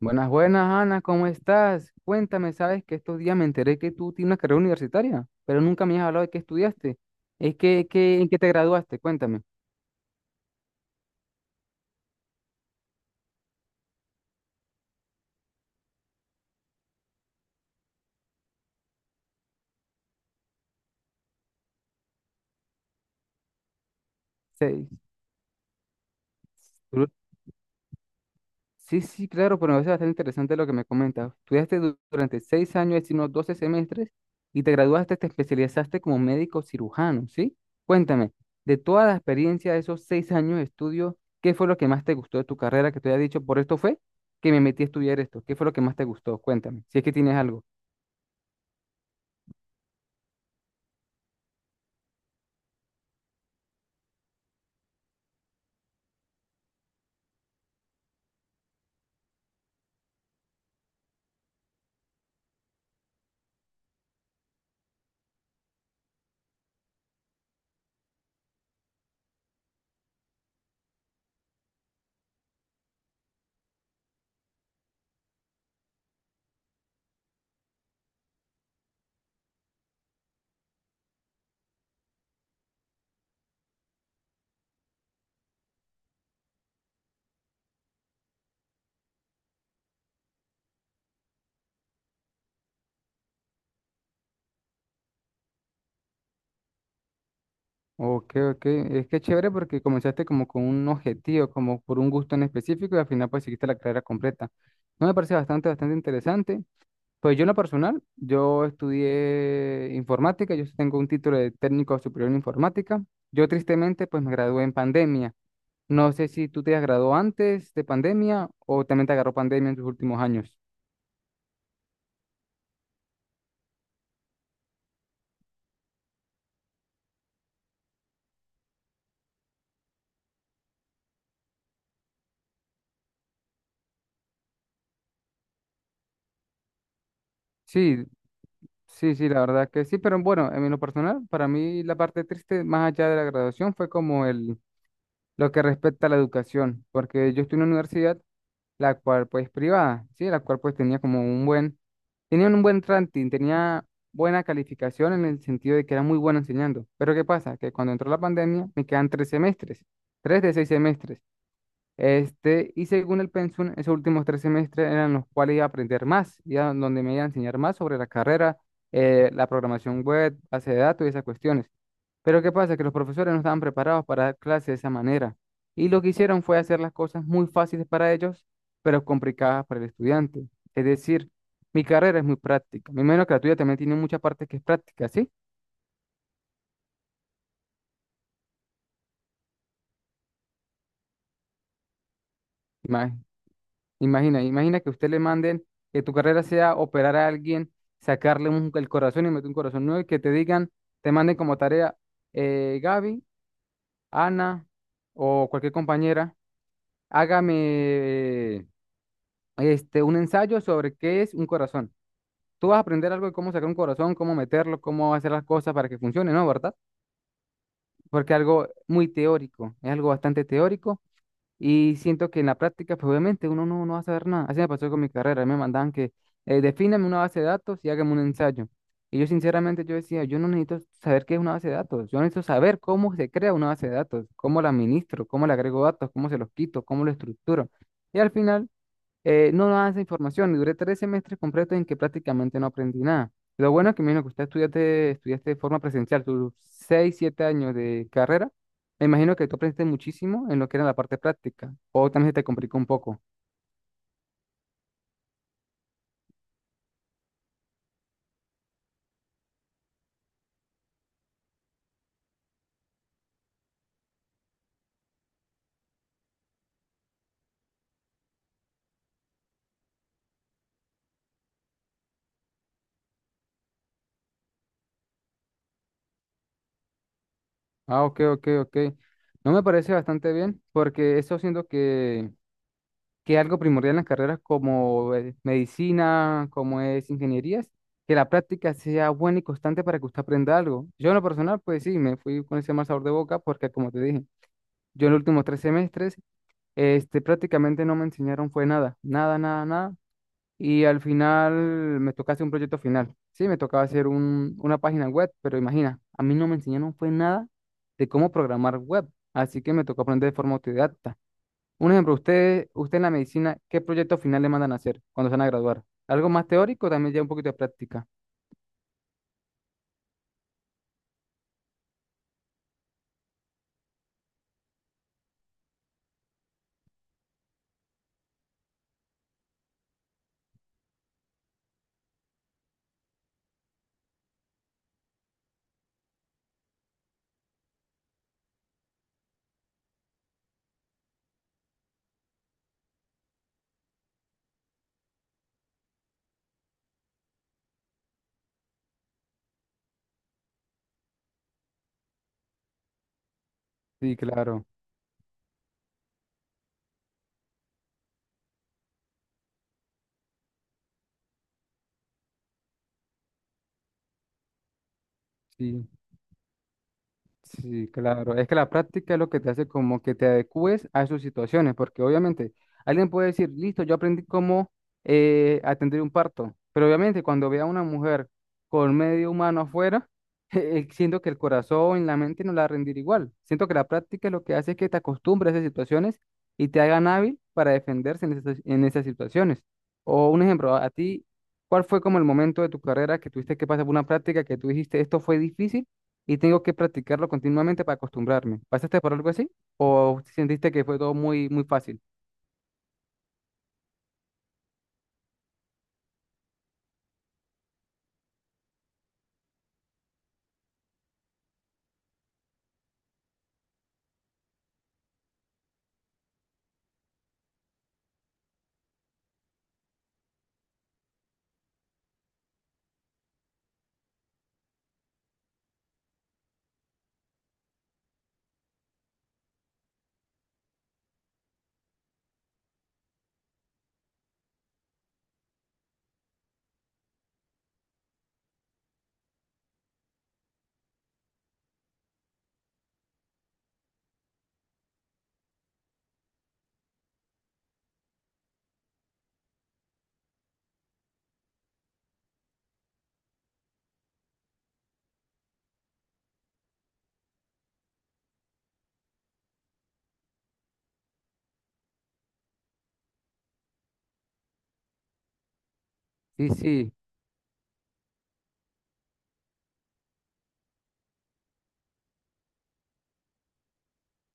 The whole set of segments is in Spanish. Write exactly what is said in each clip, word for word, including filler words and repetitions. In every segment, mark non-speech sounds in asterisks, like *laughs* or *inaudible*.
Buenas, buenas, Ana, ¿cómo estás? Cuéntame, sabes que estos días me enteré que tú tienes una carrera universitaria, pero nunca me has hablado de qué estudiaste. Es que, que- ¿en qué te graduaste? Cuéntame. Sí, du- sí, sí, claro, pero me parece bastante interesante lo que me comentas. Estudiaste du- durante seis años, es decir, unos doce semestres, y te graduaste, te especializaste como médico cirujano, ¿sí? Cuéntame, de toda la experiencia de esos seis años de estudio, ¿qué fue lo que más te gustó de tu carrera que te había dicho? Por esto fue que me metí a estudiar esto. ¿Qué fue lo que más te gustó? Cuéntame, si es que tienes algo. Ok, ok. Es que chévere porque comenzaste como con un objetivo, como por un gusto en específico y al final pues seguiste la carrera completa. No me parece bastante, bastante interesante. Pues yo en lo personal, yo estudié informática, yo tengo un título de técnico superior en informática. Yo tristemente pues me gradué en pandemia. No sé si tú te has graduado antes de pandemia o también te agarró pandemia en tus últimos años. Sí, sí, sí, la verdad que sí, pero bueno, en lo personal, para mí la parte triste más allá de la graduación fue como el lo que respecta a la educación, porque yo estoy en una universidad, la cual pues privada, ¿sí? La cual pues tenía como un buen, tenía un buen ranking, tenía buena calificación en el sentido de que era muy bueno enseñando. Pero ¿qué pasa? Que cuando entró la pandemia me quedan tres semestres, tres de seis semestres. Este, y según el pensum, esos últimos tres semestres eran los cuales iba a aprender más, y a donde me iba a enseñar más sobre la carrera, eh, la programación web, base de datos y esas cuestiones. Pero ¿qué pasa? Que los profesores no estaban preparados para dar clases de esa manera. Y lo que hicieron fue hacer las cosas muy fáciles para ellos, pero complicadas para el estudiante. Es decir, mi carrera es muy práctica. Me imagino que la tuya también tiene mucha parte que es práctica, ¿sí? Ima- Imagina, imagina que usted le manden que tu carrera sea operar a alguien, sacarle un- el corazón y meter un corazón nuevo y que te digan, te manden como tarea, eh, Gaby, Ana o cualquier compañera, hágame este, un ensayo sobre qué es un corazón. Tú vas a aprender algo de cómo sacar un corazón, cómo meterlo, cómo hacer las cosas para que funcione, ¿no? ¿Verdad? Porque es algo muy teórico, es algo bastante teórico. Y siento que en la práctica, pues obviamente uno no, no va a saber nada. Así me pasó con mi carrera. Me mandaban que eh, defíname una base de datos y hágame un ensayo. Y yo sinceramente yo decía, yo no necesito saber qué es una base de datos. Yo necesito saber cómo se crea una base de datos, cómo la administro, cómo le agrego datos, cómo se los quito, cómo lo estructuro. Y al final eh, no daban esa información. y Duré tres semestres completos en que prácticamente no aprendí nada. Lo bueno es que, me imagino que usted estudiaste, estudiaste de forma presencial, tus seis, siete años de carrera. Me imagino que tú aprendiste muchísimo en lo que era la parte práctica. O también se te complicó un poco. Ah, ok, ok, ok. No me parece bastante bien, porque eso siento que que es algo primordial en las carreras como eh, medicina, como es ingenierías, que la práctica sea buena y constante para que usted aprenda algo. Yo en lo personal, pues sí, me fui con ese mal sabor de boca porque, como te dije, yo en los últimos tres semestres, este, prácticamente no me enseñaron fue nada, nada, nada, nada. Y al final me tocaba hacer un proyecto final. Sí, me tocaba hacer un, una página web, pero imagina, a mí no me enseñaron fue nada de cómo programar web, así que me tocó aprender de forma autodidacta. Un ejemplo, usted, usted en la medicina, ¿qué proyecto final le mandan a hacer cuando se van a graduar? ¿Algo más teórico? También ya un poquito de práctica. Sí, claro. Sí. Sí, claro. Es que la práctica es lo que te hace como que te adecúes a sus situaciones, porque obviamente alguien puede decir, listo, yo aprendí cómo eh, atender un parto, pero obviamente cuando vea a una mujer con medio humano afuera, *laughs* eh, siento que el corazón, la mente no la va a rendir igual. Siento que la práctica lo que hace es que te acostumbres a esas situaciones y te hagan hábil para defenderse en esas, en esas situaciones. O un ejemplo, a a ti, ¿cuál fue como el momento de tu carrera que tuviste que pasar por una práctica que tú dijiste, esto fue difícil? Y tengo que practicarlo continuamente para acostumbrarme. ¿Pasaste por algo así? ¿O sentiste que fue todo muy, muy fácil? Sí, sí,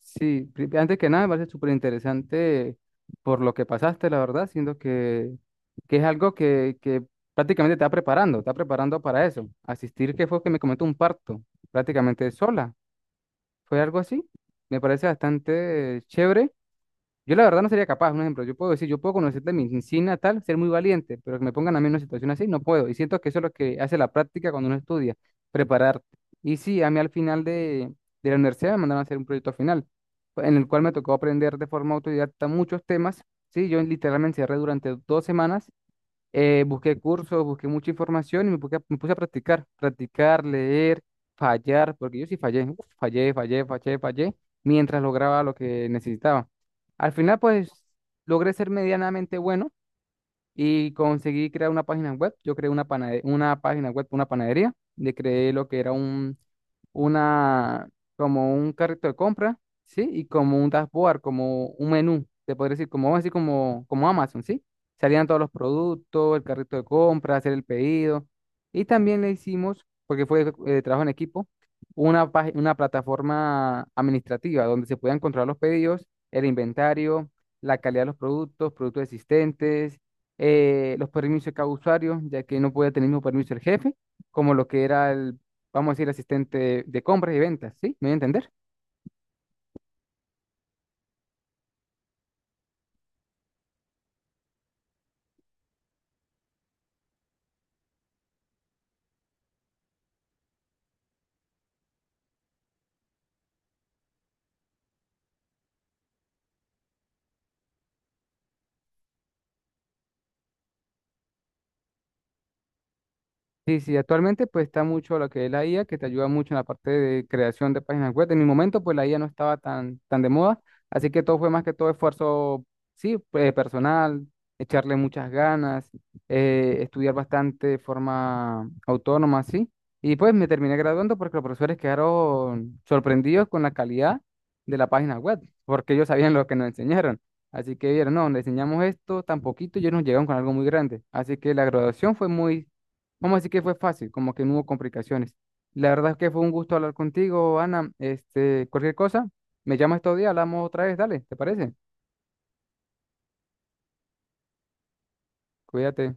sí. Pri- Antes que nada, me parece súper interesante por lo que pasaste, la verdad, siento que, que es algo que, que prácticamente te está preparando, te está preparando para eso. Asistir, que fue que me comentó un parto, prácticamente sola. ¿Fue algo así? Me parece bastante chévere. Yo la verdad no sería capaz, un ejemplo, yo puedo decir, yo puedo conocerte mi sin natal, ser muy valiente, pero que me pongan a mí en una situación así, no puedo. Y siento que eso es lo que hace la práctica cuando uno estudia, prepararte. Y sí, a mí al final de, de la universidad me mandaron a hacer un proyecto final, en el cual me tocó aprender de forma autodidacta muchos temas. Sí, yo literalmente encerré durante dos semanas eh, busqué cursos, busqué mucha información y me puse, a- me puse a practicar, practicar, leer, fallar, porque yo sí fallé, uf, fallé, fallé, fallé, fallé, mientras lograba lo que necesitaba. Al final, pues, logré ser medianamente bueno y conseguí crear una página web. Yo creé una, panade- una página web, una panadería. Le creé lo que era un, una, como un carrito de compra, ¿sí? Y como un dashboard, como un menú, te podría decir, como, así como, como Amazon, ¿sí? Salían todos los productos, el carrito de compra, hacer el pedido. Y también le hicimos, porque fue eh, trabajo en equipo, una, pag- una plataforma administrativa donde se podían controlar los pedidos, el inventario, la calidad de los productos, productos existentes eh, los permisos de cada usuario, ya que no podía tener el mismo permiso el jefe, como lo que era el, vamos a decir, asistente de, de compras y ventas, ¿sí? ¿Me voy a entender? Sí, sí, actualmente pues está mucho lo que es la I A, que te ayuda mucho en la parte de creación de páginas web. En mi momento pues la I A no estaba tan, tan de moda, así que todo fue más que todo esfuerzo, sí, eh, personal, echarle muchas ganas, eh, estudiar bastante de forma autónoma, sí. Y pues me terminé graduando porque los profesores quedaron sorprendidos con la calidad de la página web, porque ellos sabían lo que nos enseñaron. Así que vieron, no, le enseñamos esto tan poquito y ellos nos llegaron con algo muy grande. Así que la graduación fue muy. Vamos a decir que fue fácil, como que no hubo complicaciones. La verdad es que fue un gusto hablar contigo, Ana. Este, cualquier cosa, me llamas estos días, hablamos otra vez, dale, ¿te parece? Cuídate.